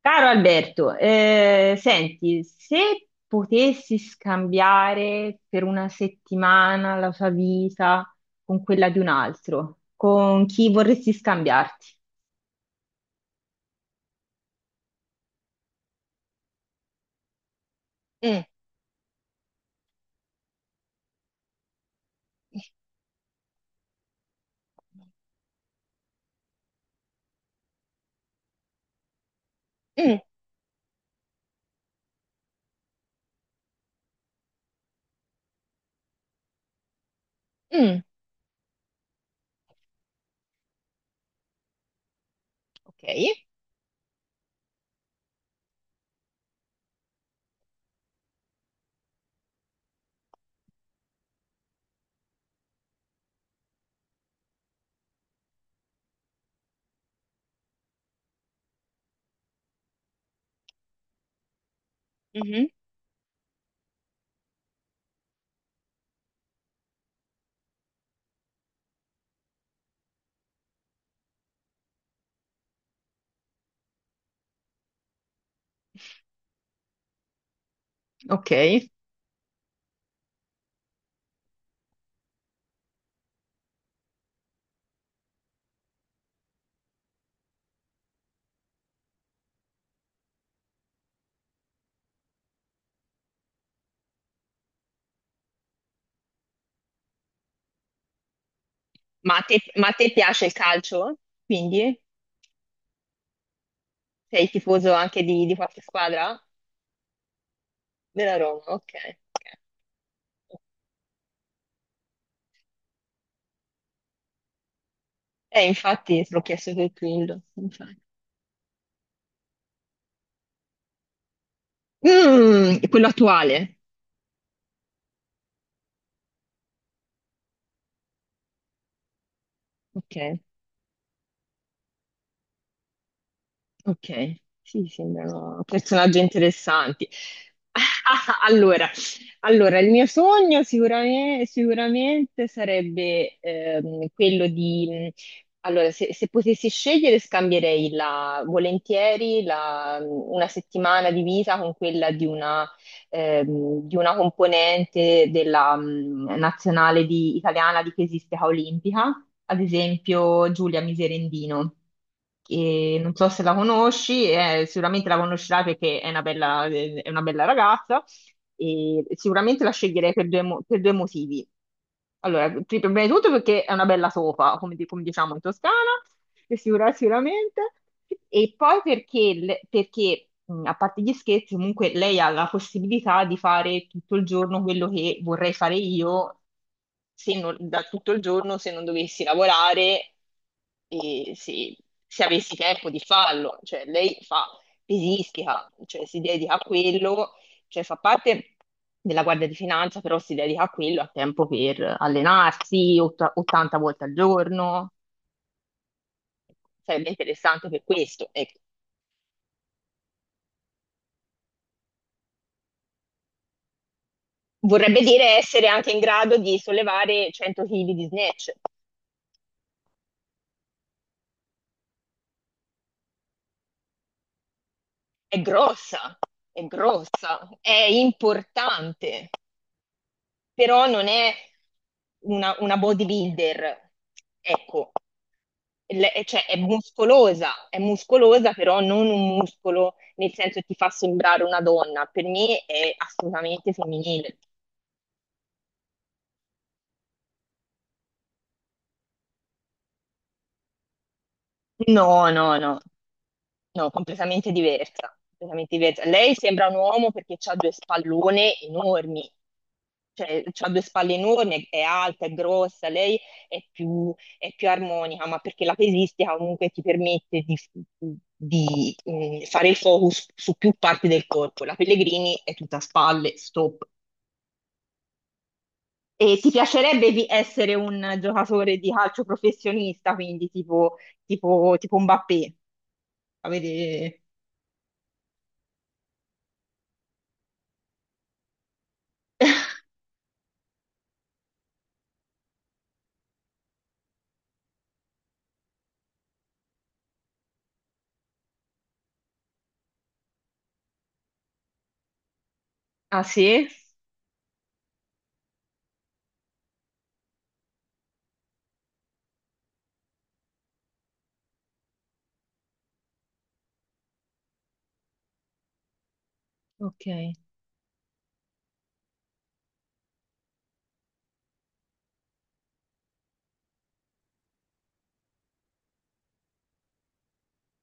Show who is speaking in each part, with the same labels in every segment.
Speaker 1: Caro Alberto, senti, se potessi scambiare per una settimana la tua vita con quella di un altro, con chi vorresti scambiarti? Mm, mm, mm. Ok. Mhm. Ok. Ma a te piace il calcio? Quindi sei tifoso anche di qualche squadra? Della Roma, ok. Ok. Infatti, te l'ho chiesto per quello. Infatti. Mm, quello attuale. Ok. Ok, sì, sembrano personaggi interessanti. Allora, allora, il mio sogno sicuramente, sicuramente sarebbe quello di... Allora, se potessi scegliere, volentieri una settimana di vita con quella di una componente della nazionale italiana di pesistica olimpica, ad esempio Giulia Miserendino, che non so se la conosci, sicuramente la conoscerai perché è una bella ragazza, e sicuramente la sceglierei per per due motivi. Allora, prima di tutto perché è una bella sopa, come diciamo in Toscana, e sicuramente. E poi perché, a parte gli scherzi, comunque lei ha la possibilità di fare tutto il giorno quello che vorrei fare io, se non- da tutto il giorno se non dovessi lavorare e se, se avessi tempo di farlo. Cioè, lei fa pesistica, cioè si dedica a quello, cioè fa parte della Guardia di Finanza, però si dedica a quello, ha tempo per allenarsi 80 volte al giorno, sarebbe interessante per questo. Ecco. Vorrebbe dire essere anche in grado di sollevare 100 kg di snatch. È grossa, è grossa, è importante, però non è una bodybuilder. Ecco, cioè è muscolosa, però non un muscolo nel senso che ti fa sembrare una donna. Per me è assolutamente femminile. No, no, no. No, completamente diversa, completamente diversa. Lei sembra un uomo perché ha due spallone enormi, cioè ha due spalle enormi, è alta, è grossa, è più, è più armonica, ma perché la pesistica comunque ti permette di, fare il focus su più parti del corpo. La Pellegrini è tutta spalle, stop. E ti piacerebbe essere un giocatore di calcio professionista, quindi tipo Mbappé? Avere... Ah sì? Ok.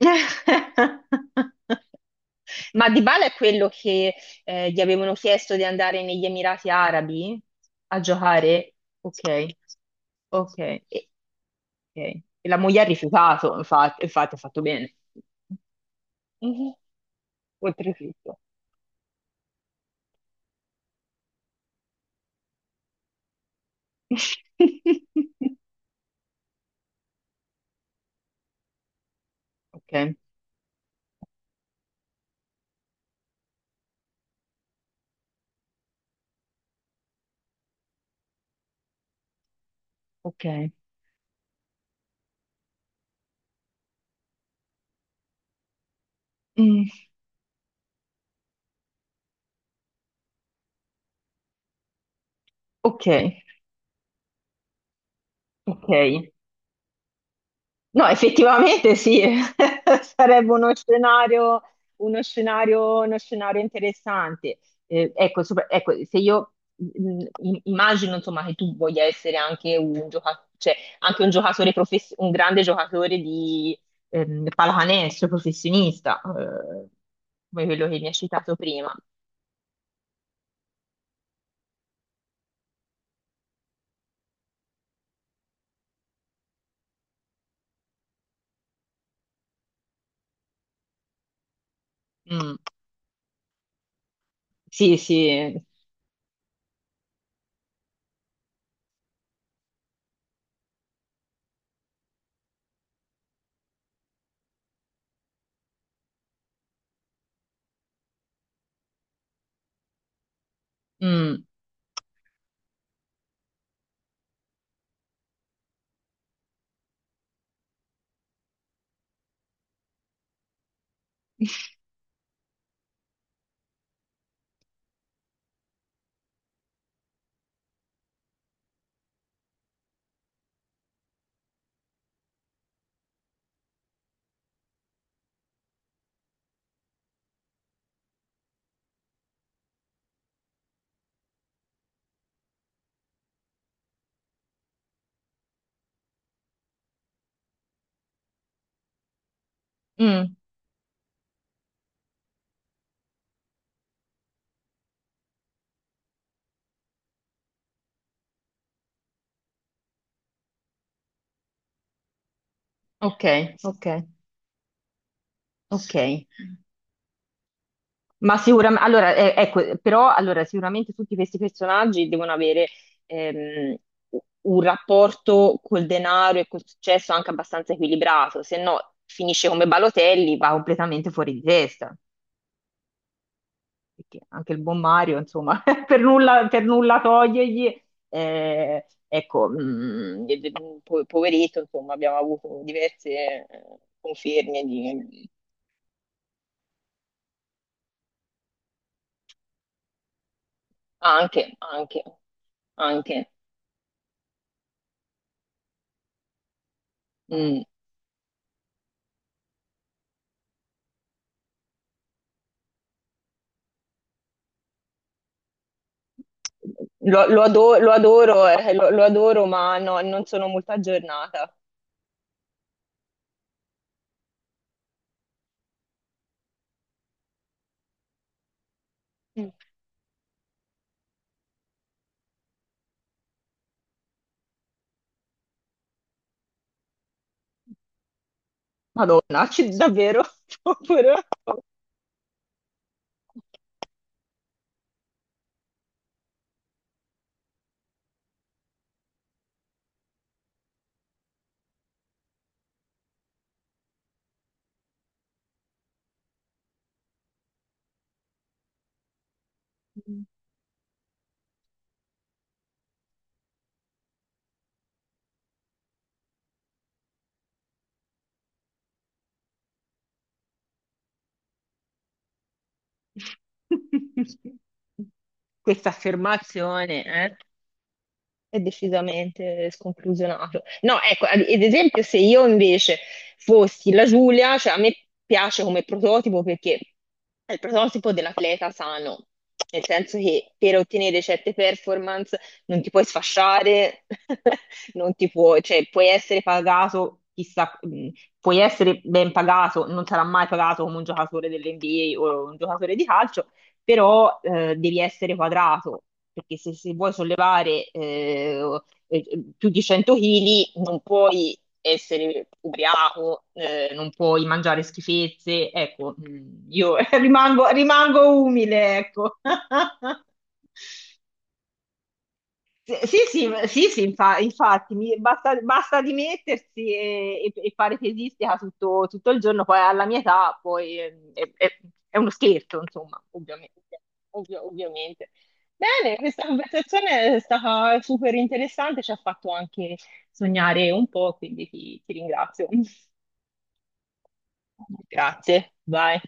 Speaker 1: Ma Dybala è quello che gli avevano chiesto di andare negli Emirati Arabi a giocare? Ok, ok. E, ok. E la moglie ha rifiutato, infatti, infatti ha fatto bene. Mhm. Oltretutto. Ok, ok. Mm, ok, ok. No, effettivamente sì, sarebbe uno scenario, uno scenario interessante. Ecco, ecco, se io immagino insomma che tu voglia essere anche un giocatore, cioè anche un grande giocatore di pallacanestro professionista, come quello che mi hai citato prima. Mm, sì, sì. Mm, mm, ok, ok, ok. Ma sicuramente, allora, ecco, però allora, sicuramente tutti questi personaggi devono avere ehm, un rapporto col denaro e col successo anche abbastanza equilibrato, se no finisce come Balotelli, va completamente fuori di testa, perché anche il buon Mario, insomma, per nulla togliergli, ecco, poveretto, insomma, abbiamo avuto diverse conferme di... Anche, anche, anche. Mm. Lo adoro, lo adoro, ma no, non sono molto aggiornata. Mm. Madonna, davvero? Povero. Questa affermazione, eh? È decisamente sconclusionato. No, ecco, ad esempio, se io invece fossi la Giulia, cioè a me piace come prototipo perché è il prototipo dell'atleta sano, nel senso che per ottenere certe performance non ti puoi sfasciare, non ti puoi, cioè puoi essere pagato, chissà, puoi essere ben pagato, non sarà mai pagato come un giocatore dell'NBA o un giocatore di calcio, però devi essere quadrato, perché se vuoi sollevare più di 100 kg non puoi essere ubriaco, non puoi mangiare schifezze, ecco, mm, io rimango, rimango umile, ecco. Sì, sì, sì, sì, sì, infatti, basta, basta dimettersi e fare tesistica tutto, tutto il giorno, poi alla mia età poi è uno scherzo, insomma, ovviamente. Ovviamente. Bene, questa conversazione è stata super interessante, ci ha fatto anche sognare un po', quindi ti ringrazio. Grazie, bye.